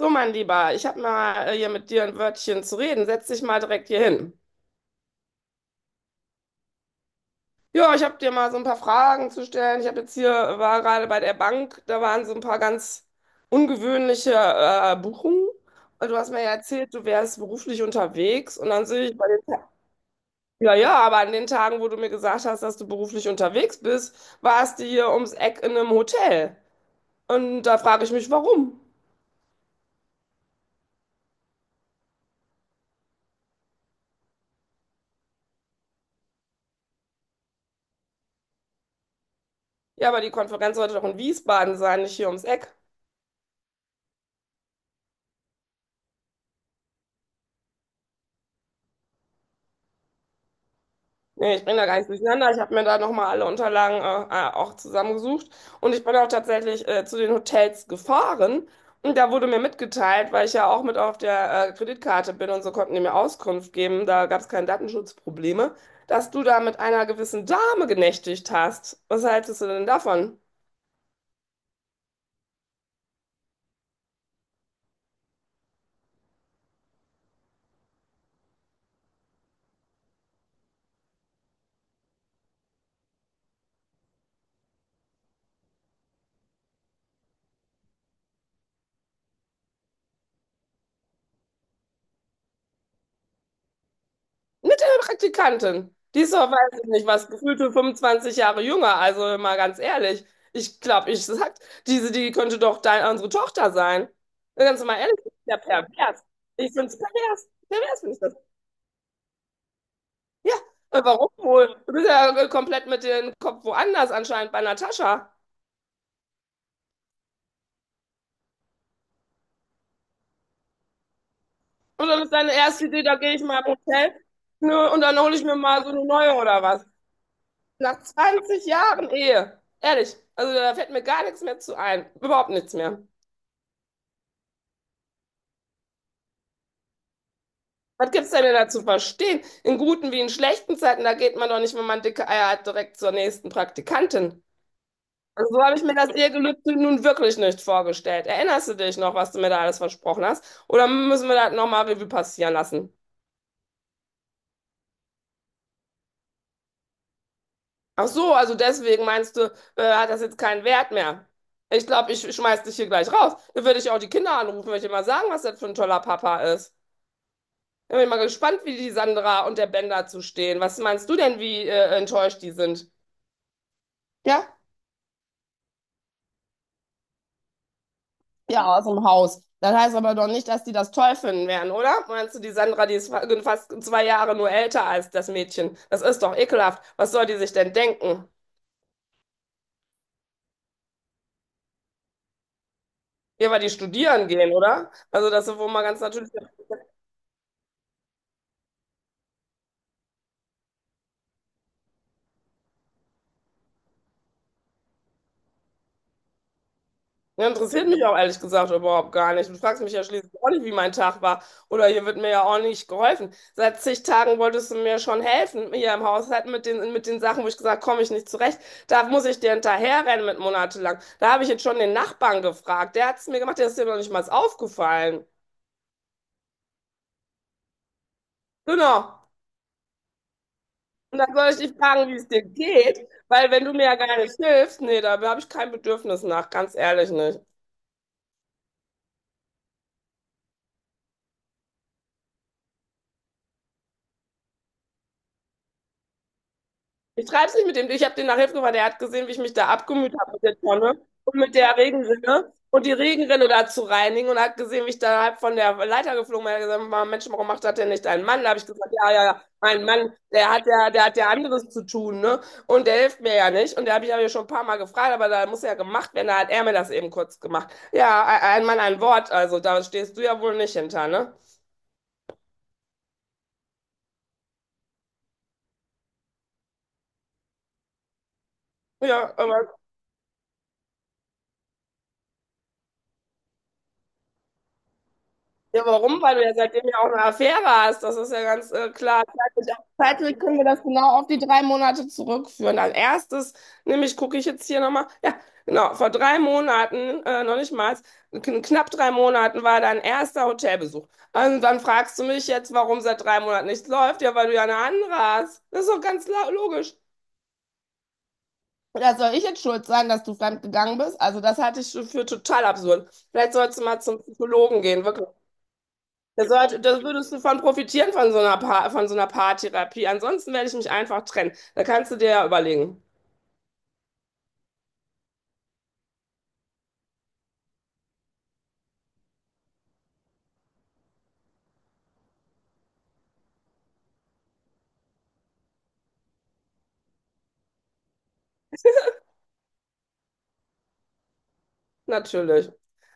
So, mein Lieber, ich habe mal hier mit dir ein Wörtchen zu reden. Setz dich mal direkt hier hin. Ja, ich habe dir mal so ein paar Fragen zu stellen. Ich habe jetzt hier, war gerade bei der Bank, da waren so ein paar ganz ungewöhnliche Buchungen. Und du hast mir ja erzählt, du wärst beruflich unterwegs. Und dann sehe ich bei den ja, ja, aber an den Tagen, wo du mir gesagt hast, dass du beruflich unterwegs bist, warst du hier ums Eck in einem Hotel. Und da frage ich mich, warum? Ja, aber die Konferenz sollte doch in Wiesbaden sein, nicht hier ums Eck. Nee, ich bin da gar nichts durcheinander. Ich habe mir da nochmal alle Unterlagen auch zusammengesucht. Und ich bin auch tatsächlich zu den Hotels gefahren. Und da wurde mir mitgeteilt, weil ich ja auch mit auf der Kreditkarte bin und so konnten die mir Auskunft geben, da gab es keine Datenschutzprobleme, dass du da mit einer gewissen Dame genächtigt hast. Was hältst du denn davon? Mit einer Praktikantin. Die ist doch, weiß ich nicht, was, gefühlte 25 Jahre jünger. Also mal ganz ehrlich. Ich glaube, ich sag, diese, die könnte doch dein, unsere Tochter sein. Ganz mal ehrlich, das ist ja pervers. Ich finde es pervers. Pervers finde ich das. Ja, warum wohl? Du bist ja komplett mit dem Kopf woanders anscheinend bei Natascha. Und dann ist deine erste Idee, da gehe ich mal im Hotel, ne, und dann hole ich mir mal so eine neue oder was. Nach 20 Jahren Ehe. Ehrlich. Also da fällt mir gar nichts mehr zu ein. Überhaupt nichts mehr. Was gibt's denn da zu verstehen? In guten wie in schlechten Zeiten, da geht man doch nicht, wenn man dicke Eier hat, direkt zur nächsten Praktikantin. Also so habe ich mir das Ehegelübde nun wirklich nicht vorgestellt. Erinnerst du dich noch, was du mir da alles versprochen hast? Oder müssen wir das nochmal Revue passieren lassen? Ach so, also deswegen meinst du, hat das jetzt keinen Wert mehr? Ich glaube, ich schmeiß dich hier gleich raus. Dann würde ich auch die Kinder anrufen, würde ich mal sagen, was das für ein toller Papa ist. Dann bin ich mal gespannt, wie die Sandra und der Ben dazu stehen. Was meinst du denn, wie enttäuscht die sind? Ja? Ja, aus dem Haus. Das heißt aber doch nicht, dass die das toll finden werden, oder? Meinst du, die Sandra, die ist fast 2 Jahre nur älter als das Mädchen? Das ist doch ekelhaft. Was soll die sich denn denken? Ja, weil die studieren gehen, oder? Also, das ist wohl mal ganz natürlich. Ja, interessiert mich auch ehrlich gesagt überhaupt gar nicht. Du fragst mich ja schließlich auch nicht, wie mein Tag war. Oder hier wird mir ja auch nicht geholfen. Seit zig Tagen wolltest du mir schon helfen, hier im Haushalt mit den Sachen, wo ich gesagt komme ich nicht zurecht. Da muss ich dir hinterherrennen mit monatelang. Da habe ich jetzt schon den Nachbarn gefragt. Der hat es mir gemacht, der ist dir noch nicht mal aufgefallen. Genau. Und dann soll ich dich fragen, wie es dir geht, weil wenn du mir ja gar nicht hilfst, nee, da habe ich kein Bedürfnis nach, ganz ehrlich nicht. Ich treibe es nicht mit dem. Ich habe den nach Hilfe gefahren. Der hat gesehen, wie ich mich da abgemüht habe mit der Tonne und mit der Regenrinne und die Regenrinne da zu reinigen und hat gesehen, wie ich da halb von der Leiter geflogen bin. Er hat gesagt: Mensch, warum macht das denn nicht ein Mann?" Da habe ich gesagt, ja, ja, ja, ein Mann, der hat ja anderes zu tun, ne? Und der hilft mir ja nicht. Und da habe ich ja schon ein paar Mal gefragt, aber da muss ja gemacht werden. Da hat er mir das eben kurz gemacht. Ja, ein Mann, ein Wort. Also da stehst du ja wohl nicht hinter, ne? Ja, aber ja, warum? Weil du ja seitdem ja auch eine Affäre hast. Das ist ja ganz klar. Zeitlich können wir das genau auf die 3 Monate zurückführen. Als erstes, nämlich gucke ich jetzt hier nochmal, ja, genau, vor 3 Monaten, noch nicht mal, knapp 3 Monaten war dein erster Hotelbesuch. Und dann fragst du mich jetzt, warum seit 3 Monaten nichts läuft. Ja, weil du ja eine andere hast. Das ist doch ganz logisch. Ja, soll ich jetzt schuld sein, dass du fremd gegangen bist? Also das halte ich für total absurd. Vielleicht sollst du mal zum Psychologen gehen, wirklich. Das sollte, da würdest du von profitieren, von so einer Paartherapie. Ansonsten werde ich mich einfach trennen. Da kannst du dir ja überlegen. Natürlich.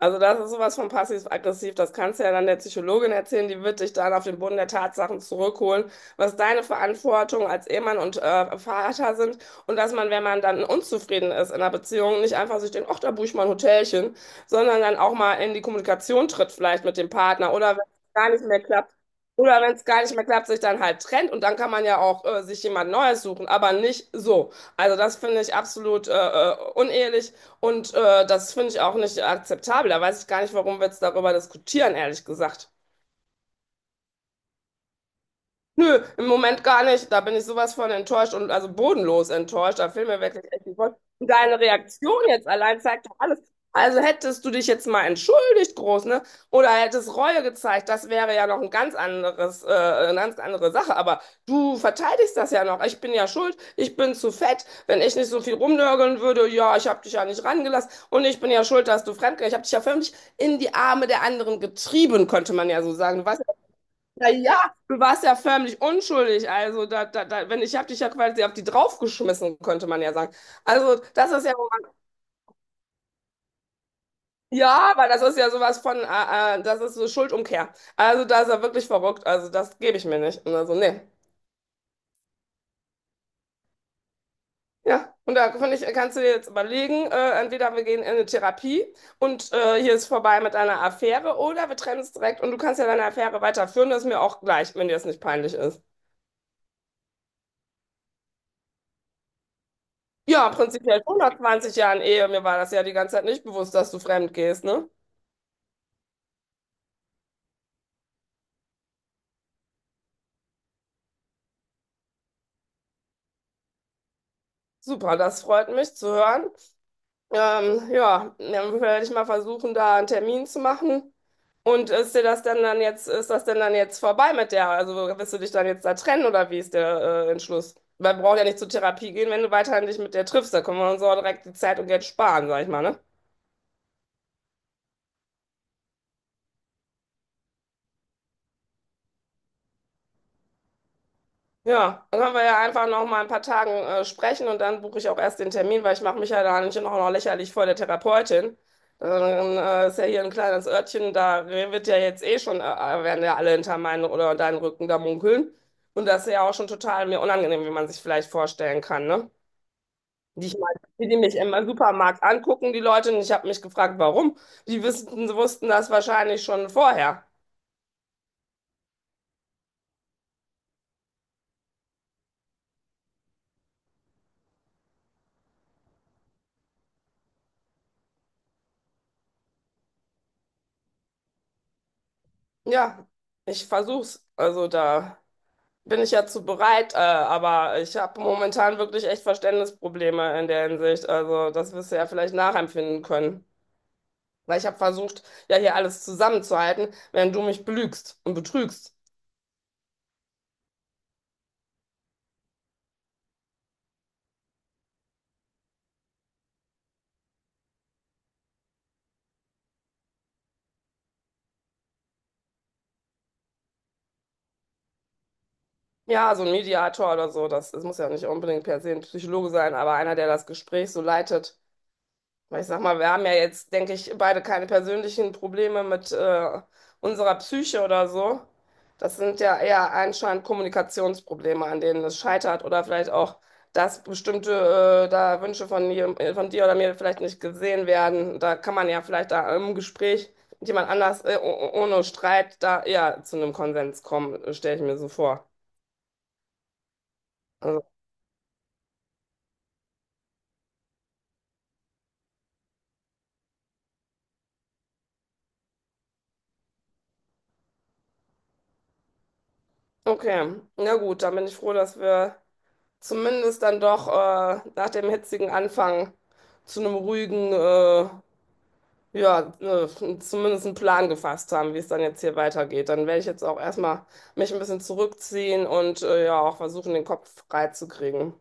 Also das ist sowas von passiv-aggressiv. Das kannst du ja dann der Psychologin erzählen, die wird dich dann auf den Boden der Tatsachen zurückholen, was deine Verantwortung als Ehemann und Vater sind, und dass man, wenn man dann unzufrieden ist in einer Beziehung, nicht einfach sich denkt, ach, da buche ich mal ein Hotelchen, sondern dann auch mal in die Kommunikation tritt vielleicht mit dem Partner oder wenn es gar nicht mehr klappt. Oder wenn es gar nicht mehr klappt, sich dann halt trennt und dann kann man ja auch sich jemand Neues suchen, aber nicht so. Also das finde ich absolut unehelich. Und das finde ich auch nicht akzeptabel. Da weiß ich gar nicht, warum wir jetzt darüber diskutieren, ehrlich gesagt. Nö, im Moment gar nicht. Da bin ich sowas von enttäuscht und also bodenlos enttäuscht. Da fehlen mir wirklich echt die Worte. Und deine Reaktion jetzt allein zeigt doch alles. Also hättest du dich jetzt mal entschuldigt, groß, ne? Oder hättest Reue gezeigt, das wäre ja noch ein ganz anderes, eine ganz andere Sache. Aber du verteidigst das ja noch. Ich bin ja schuld, ich bin zu fett. Wenn ich nicht so viel rumnörgeln würde, ja, ich habe dich ja nicht rangelassen. Und ich bin ja schuld, dass du fremdgegangen. Ich habe dich ja förmlich in die Arme der anderen getrieben, könnte man ja so sagen. Du weißt, na ja, du warst ja förmlich unschuldig. Also, da, wenn ich habe dich ja quasi auf die draufgeschmissen, könnte man ja sagen. Also, das ist ja, ja, aber das ist ja sowas von, das ist so Schuldumkehr. Also, da ist er wirklich verrückt. Also, das gebe ich mir nicht. Und also, nee. Ja, und da finde ich, kannst du dir jetzt überlegen, entweder wir gehen in eine Therapie und hier ist vorbei mit einer Affäre oder wir trennen es direkt und du kannst ja deine Affäre weiterführen. Das ist mir auch gleich, wenn dir das nicht peinlich ist. Ja, prinzipiell schon nach 20 Jahren Ehe. Mir war das ja die ganze Zeit nicht bewusst, dass du fremd gehst, ne? Super, das freut mich zu hören. Ja, dann werde ich mal versuchen, da einen Termin zu machen. Und ist das denn dann jetzt vorbei mit der? Also wirst du dich dann jetzt da trennen oder wie ist der Entschluss? Weil wir ja nicht zur Therapie gehen, wenn du weiterhin dich mit der triffst. Da können wir uns auch direkt die Zeit und Geld sparen, sag ich mal, ne? Ja, dann können wir ja einfach noch mal ein paar Tagen sprechen und dann buche ich auch erst den Termin, weil ich mache mich ja da nicht noch lächerlich vor der Therapeutin. Dann ist ja hier ein kleines Örtchen, da wird ja jetzt eh schon, werden ja alle hinter meinen oder deinen Rücken da munkeln. Und das ist ja auch schon total mir unangenehm, wie man sich vielleicht vorstellen kann, ne? Die ich mal, wie die mich im Supermarkt angucken, die Leute, und ich habe mich gefragt, warum. Die wissen, wussten das wahrscheinlich schon vorher. Ja, ich versuch's. Also da, bin ich ja zu bereit, aber ich habe momentan wirklich echt Verständnisprobleme in der Hinsicht. Also das wirst du ja vielleicht nachempfinden können. Weil ich habe versucht, ja hier alles zusammenzuhalten, während du mich belügst und betrügst. Ja, so ein Mediator oder so, das muss ja nicht unbedingt per se ein Psychologe sein, aber einer, der das Gespräch so leitet. Ich sag mal, wir haben ja jetzt, denke ich, beide keine persönlichen Probleme mit unserer Psyche oder so. Das sind ja eher anscheinend Kommunikationsprobleme, an denen es scheitert oder vielleicht auch, dass bestimmte da Wünsche von dir oder mir vielleicht nicht gesehen werden. Da kann man ja vielleicht da im Gespräch mit jemand anders ohne Streit da eher zu einem Konsens kommen, stelle ich mir so vor. Also, okay, na gut, dann bin ich froh, dass wir zumindest dann doch nach dem hitzigen Anfang zu einem ruhigen, ja, zumindest einen Plan gefasst haben, wie es dann jetzt hier weitergeht. Dann werde ich jetzt auch erstmal mich ein bisschen zurückziehen und ja, auch versuchen, den Kopf frei zu kriegen.